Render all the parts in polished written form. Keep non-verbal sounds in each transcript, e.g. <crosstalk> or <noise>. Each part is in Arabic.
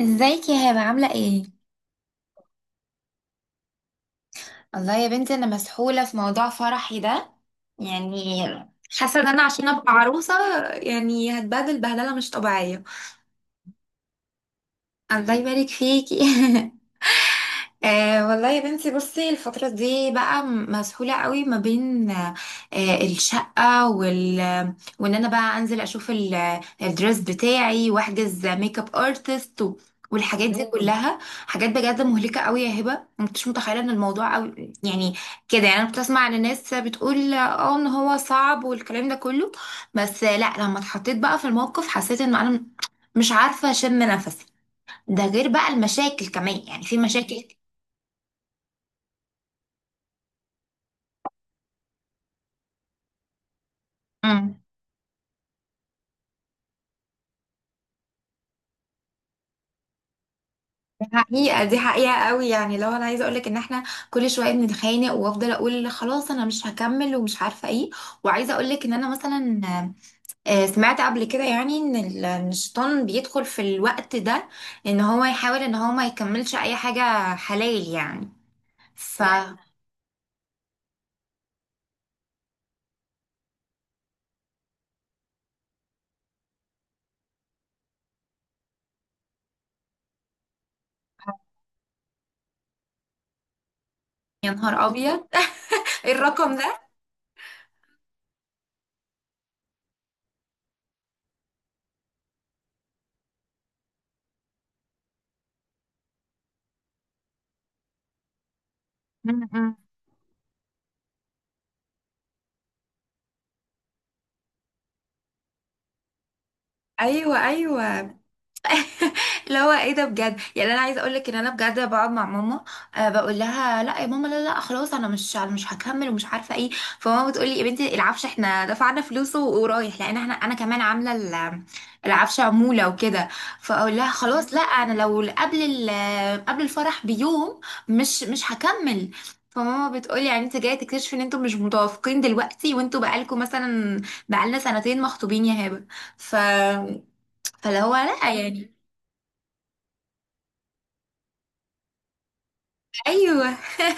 ازيك يا هبه؟ عامله ايه؟ الله يا بنتي، انا مسحوله في موضوع فرحي ده. يعني حاسه ان انا عشان ابقى عروسه يعني هتبهدل بهدله مش طبيعيه. الله يبارك فيكي. <laughs> أه والله يا بنتي، بصي الفترة دي بقى مسحولة قوي ما بين أه آه، الشقة وان انا بقى انزل اشوف الدريس بتاعي واحجز ميك اب ارتست والحاجات دي كلها حاجات بجد مهلكة قوي يا هبة. ما كنتش متخيلة ان الموضوع قوي يعني كده. يعني انا كنت اسمع عن الناس بتقول اه ان هو صعب والكلام ده كله، بس لا لما اتحطيت بقى في الموقف حسيت ان انا مش عارفة اشم نفسي. ده غير بقى المشاكل كمان، يعني في مشاكل. امم. دي حقيقة، دي حقيقة قوي. يعني لو انا عايزة اقولك ان احنا كل شوية بنتخانق وافضل اقول خلاص انا مش هكمل ومش عارفة ايه، وعايزة اقولك ان انا مثلا سمعت قبل كده يعني ان إن الشيطان بيدخل في الوقت ده، ان هو يحاول ان هو ما يكملش اي حاجة حلال يعني. ف يا نهار ابيض. <laughs> ايه الرقم ده؟ أمم. ايوه ايوه. اللي هو ايه ده بجد، يعني انا عايزه اقول لك ان انا بجد بقعد مع ماما آه، بقول لها لا يا ماما، لا لا خلاص انا مش، انا مش هكمل ومش عارفه ايه. فماما بتقول لي يا بنتي العفش احنا دفعنا فلوسه ورايح، لان احنا انا كمان عامله العفش عموله وكده. فاقول لها خلاص لا، انا لو قبل قبل الفرح بيوم مش هكمل. فماما بتقولي يعني انت جايه تكتشفي ان انتوا مش متوافقين دلوقتي، وانتوا بقالكم مثلا، بقالنا سنتين مخطوبين يا هبه. ف فاللي هو لا يعني. ايوه.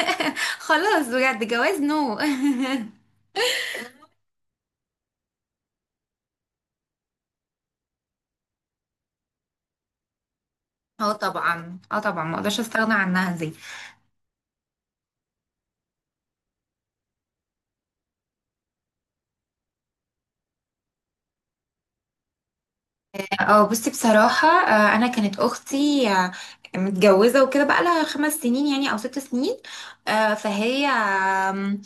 <laughs> خلاص بجد جواز نو. <laughs> اه طبعا، اه طبعا، ما اقدرش استغنى عنها دي. اه بصي بصراحه، انا كانت اختي متجوزه وكده بقى لها 5 سنين يعني او 6 سنين. فهي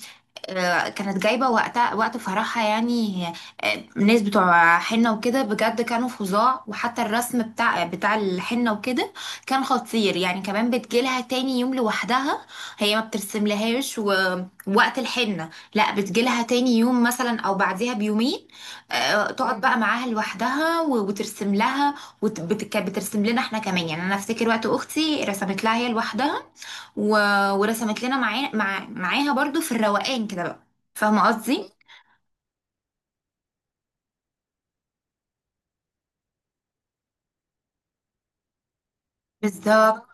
كانت جايبة وقتها وقت فرحها يعني. الناس بتوع حنة وكده بجد كانوا فظاع، وحتى الرسم بتاع الحنة وكده كان خطير يعني. كمان بتجيلها تاني يوم لوحدها، هي ما بترسملهاش ووقت الحنة، لا بتجيلها تاني يوم مثلا او بعديها بيومين. تقعد بقى معاها لوحدها وترسم لها، وبترسم لنا احنا كمان. يعني انا افتكر وقت اختي رسمت لها هي لوحدها و... ورسمت لنا معاها برضو في الروقان كده بقى. فاهمة قصدي؟ بالظبط.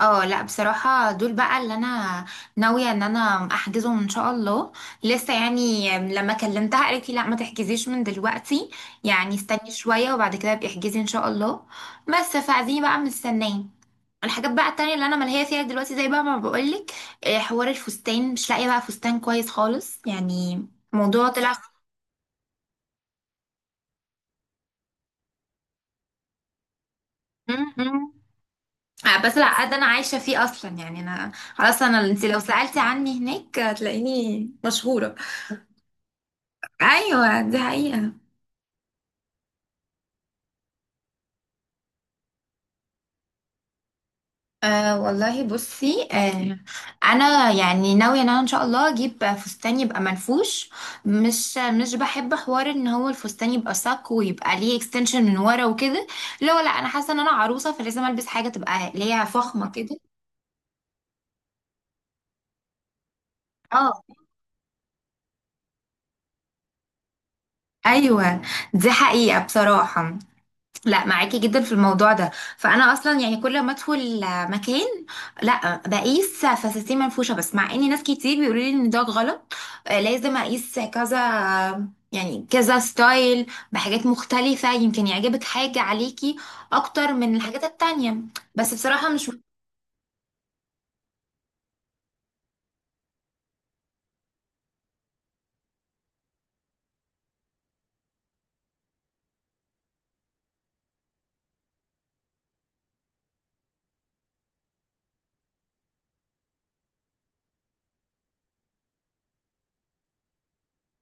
اه لا بصراحة دول بقى اللي انا ناوية ان انا احجزهم ان شاء الله، لسه يعني. لما كلمتها قالت لي لا ما تحجزيش من دلوقتي، يعني استني شوية وبعد كده ابقي احجزي ان شاء الله. بس فدي بقى مستنية. الحاجات بقى التانية اللي انا ملهية فيها دلوقتي زي بقى ما بقولك، حوار الفستان. مش لاقية بقى فستان كويس خالص يعني. موضوع طلع. <laughs> بس لا ده انا عايشه فيه اصلا يعني. انا خلاص، انا انت لو سالتي عني هناك هتلاقيني مشهوره. ايوه دي حقيقه. أه والله بصي أه، انا يعني ناويه ان انا ان شاء الله اجيب فستان يبقى منفوش. مش بحب حوار ان هو الفستان يبقى صك ويبقى ليه اكستنشن من ورا وكده. لا لا، انا حاسه ان انا عروسه فلازم البس حاجه تبقى ليها فخمه كده. اه ايوه دي حقيقه بصراحه، لا معاكي جدا في الموضوع ده. فانا اصلا يعني كل ما ادخل مكان لا بقيس فساتين منفوشه، بس مع ان ناس كتير بيقولوا لي ان ده غلط، لازم اقيس كذا يعني كذا ستايل بحاجات مختلفه، يمكن يعجبك حاجه عليكي اكتر من الحاجات التانية. بس بصراحه مش.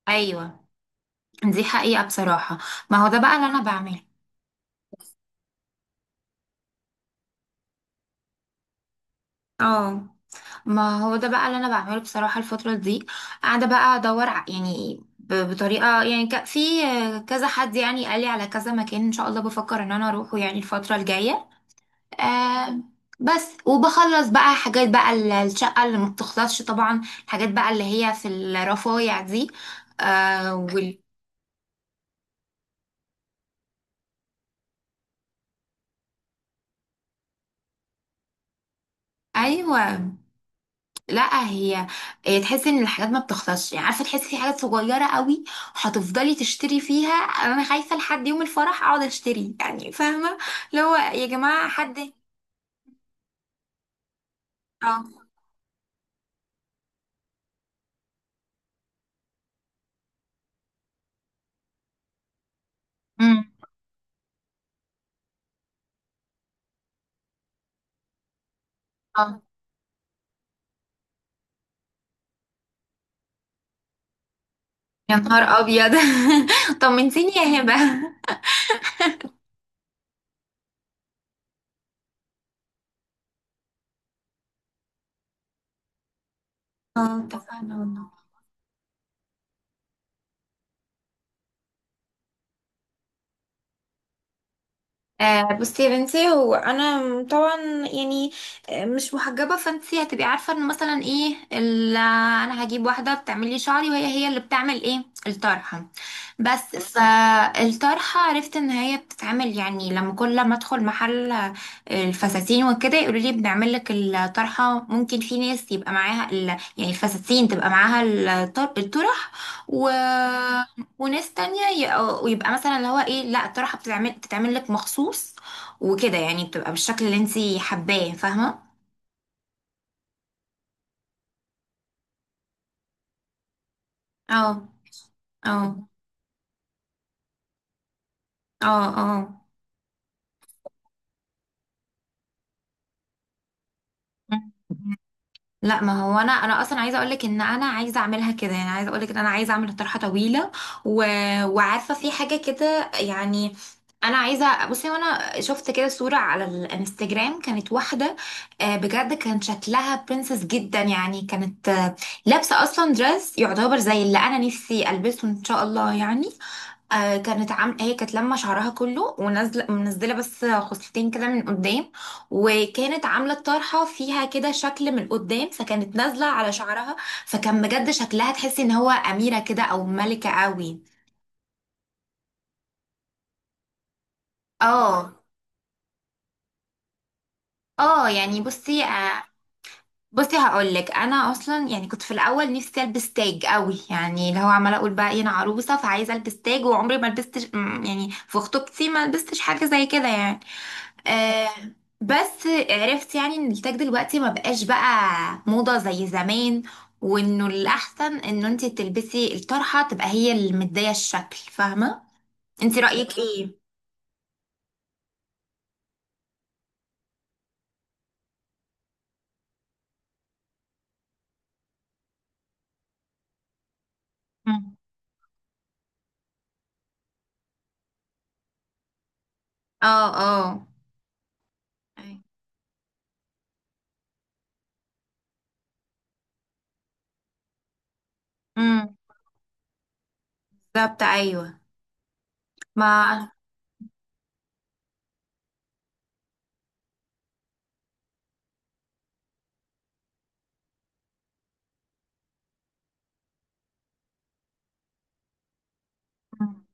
ايوه دي حقيقه بصراحه، ما هو ده بقى اللي انا بعمله. اه ما هو ده بقى اللي انا بعمله بصراحه. الفتره دي قاعده بقى ادور يعني بطريقه يعني في كذا حد يعني قال لي على كذا مكان ان شاء الله بفكر ان انا اروحه يعني الفتره الجايه. آه. بس وبخلص بقى حاجات بقى الشقه اللي ما بتخلصش طبعا. الحاجات بقى اللي هي في الرفايع دي، آه وال... ايوه. لا هي، تحس ان الحاجات ما بتخلصش يعني. عارفه تحسي في حاجات صغيره قوي هتفضلي تشتري فيها. انا خايفه لحد يوم الفرح اقعد اشتري يعني، فاهمه. اللي هو يا جماعه حد. اه. امم. اه يا نهار ابيض. <laughs> طمنتيني يا هبه. اه اتفقنا والله. آه بصي يا بنتي، هو انا طبعا يعني مش محجبه، فانتي هتبقي عارفه ان مثلا ايه انا هجيب واحده بتعمل لي شعري، وهي اللي بتعمل ايه الطرحه. بس فالطرحة عرفت ان هي بتتعمل يعني لما كل ما ادخل محل الفساتين وكده يقولوا لي بنعمل لك الطرحة. ممكن في ناس يبقى معاها يعني الفساتين تبقى معاها الطرح و... وناس تانية ويبقى مثلا اللي هو ايه، لا الطرحة بتتعمل لك مخصوص وكده يعني، بتبقى بالشكل اللي انتي حباه، فاهمة. اه. اه. اه. اه لا ما هو انا، اصلا عايزه اقولك ان انا عايزه اعملها كده يعني. عايزه اقولك ان انا عايزه اعمل طرحه طويله و... وعارفه في حاجه كده يعني. انا عايزه، بصي وانا شفت كده صوره على الانستجرام كانت واحده، بجد كان شكلها برنسس جدا يعني. كانت لابسه اصلا دريس يعتبر زي اللي انا نفسي البسه ان شاء الله يعني. آه كانت هي كانت لما شعرها كله ونازله منزله بس خصلتين كده من قدام، وكانت عامله الطرحه فيها كده شكل من قدام فكانت نازله على شعرها، فكان بجد شكلها تحسي ان هو اميره كده او ملكه قوي. اه. اه يعني بصي آه. بصي هقول لك، انا اصلا يعني كنت في الاول نفسي البس تاج قوي، يعني اللي هو عماله اقول بقى انا عروسه فعايزه البس تاج وعمري ما لبست، يعني في خطوبتي ما لبستش حاجه زي كده يعني. آه بس عرفت يعني ان التاج دلوقتي ما بقاش بقى موضة زي زمان، وانه الاحسن انه انت تلبسي الطرحة تبقى هي اللي مدية الشكل، فاهمة. انت رأيك ايه؟ مم. اه. اه. امم، بالظبط ايوه. ما مم.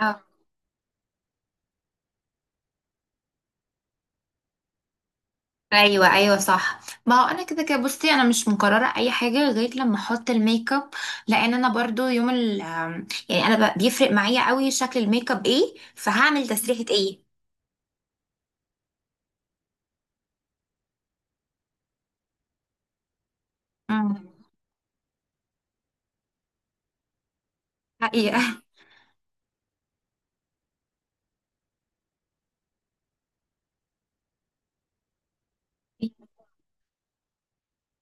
اه ايوه ايوه صح. ما هو انا كده كده بصي انا مش مقرره اي حاجه غير لما احط الميك اب. لان انا برضو يوم ال آم، يعني انا بيفرق معايا قوي شكل الميك اب ايه فهعمل تسريحه ايه. مم. حقيقة.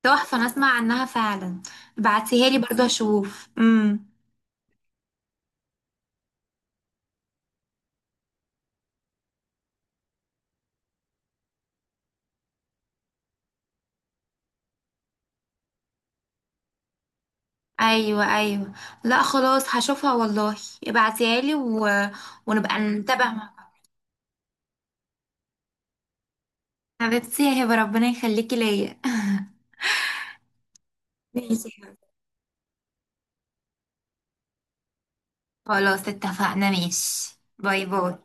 تحفة. أنا أسمع عنها فعلا، بعتيها لي برضه أشوف. امم. أيوة أيوة. لا خلاص هشوفها والله، ابعتيها لي ونبقى نتابع مع، حبيبتي يا هبة ربنا يخليكي ليا. <laughs> ماشي يا هبة. خلاص اتفقنا، ماشي، باي باي.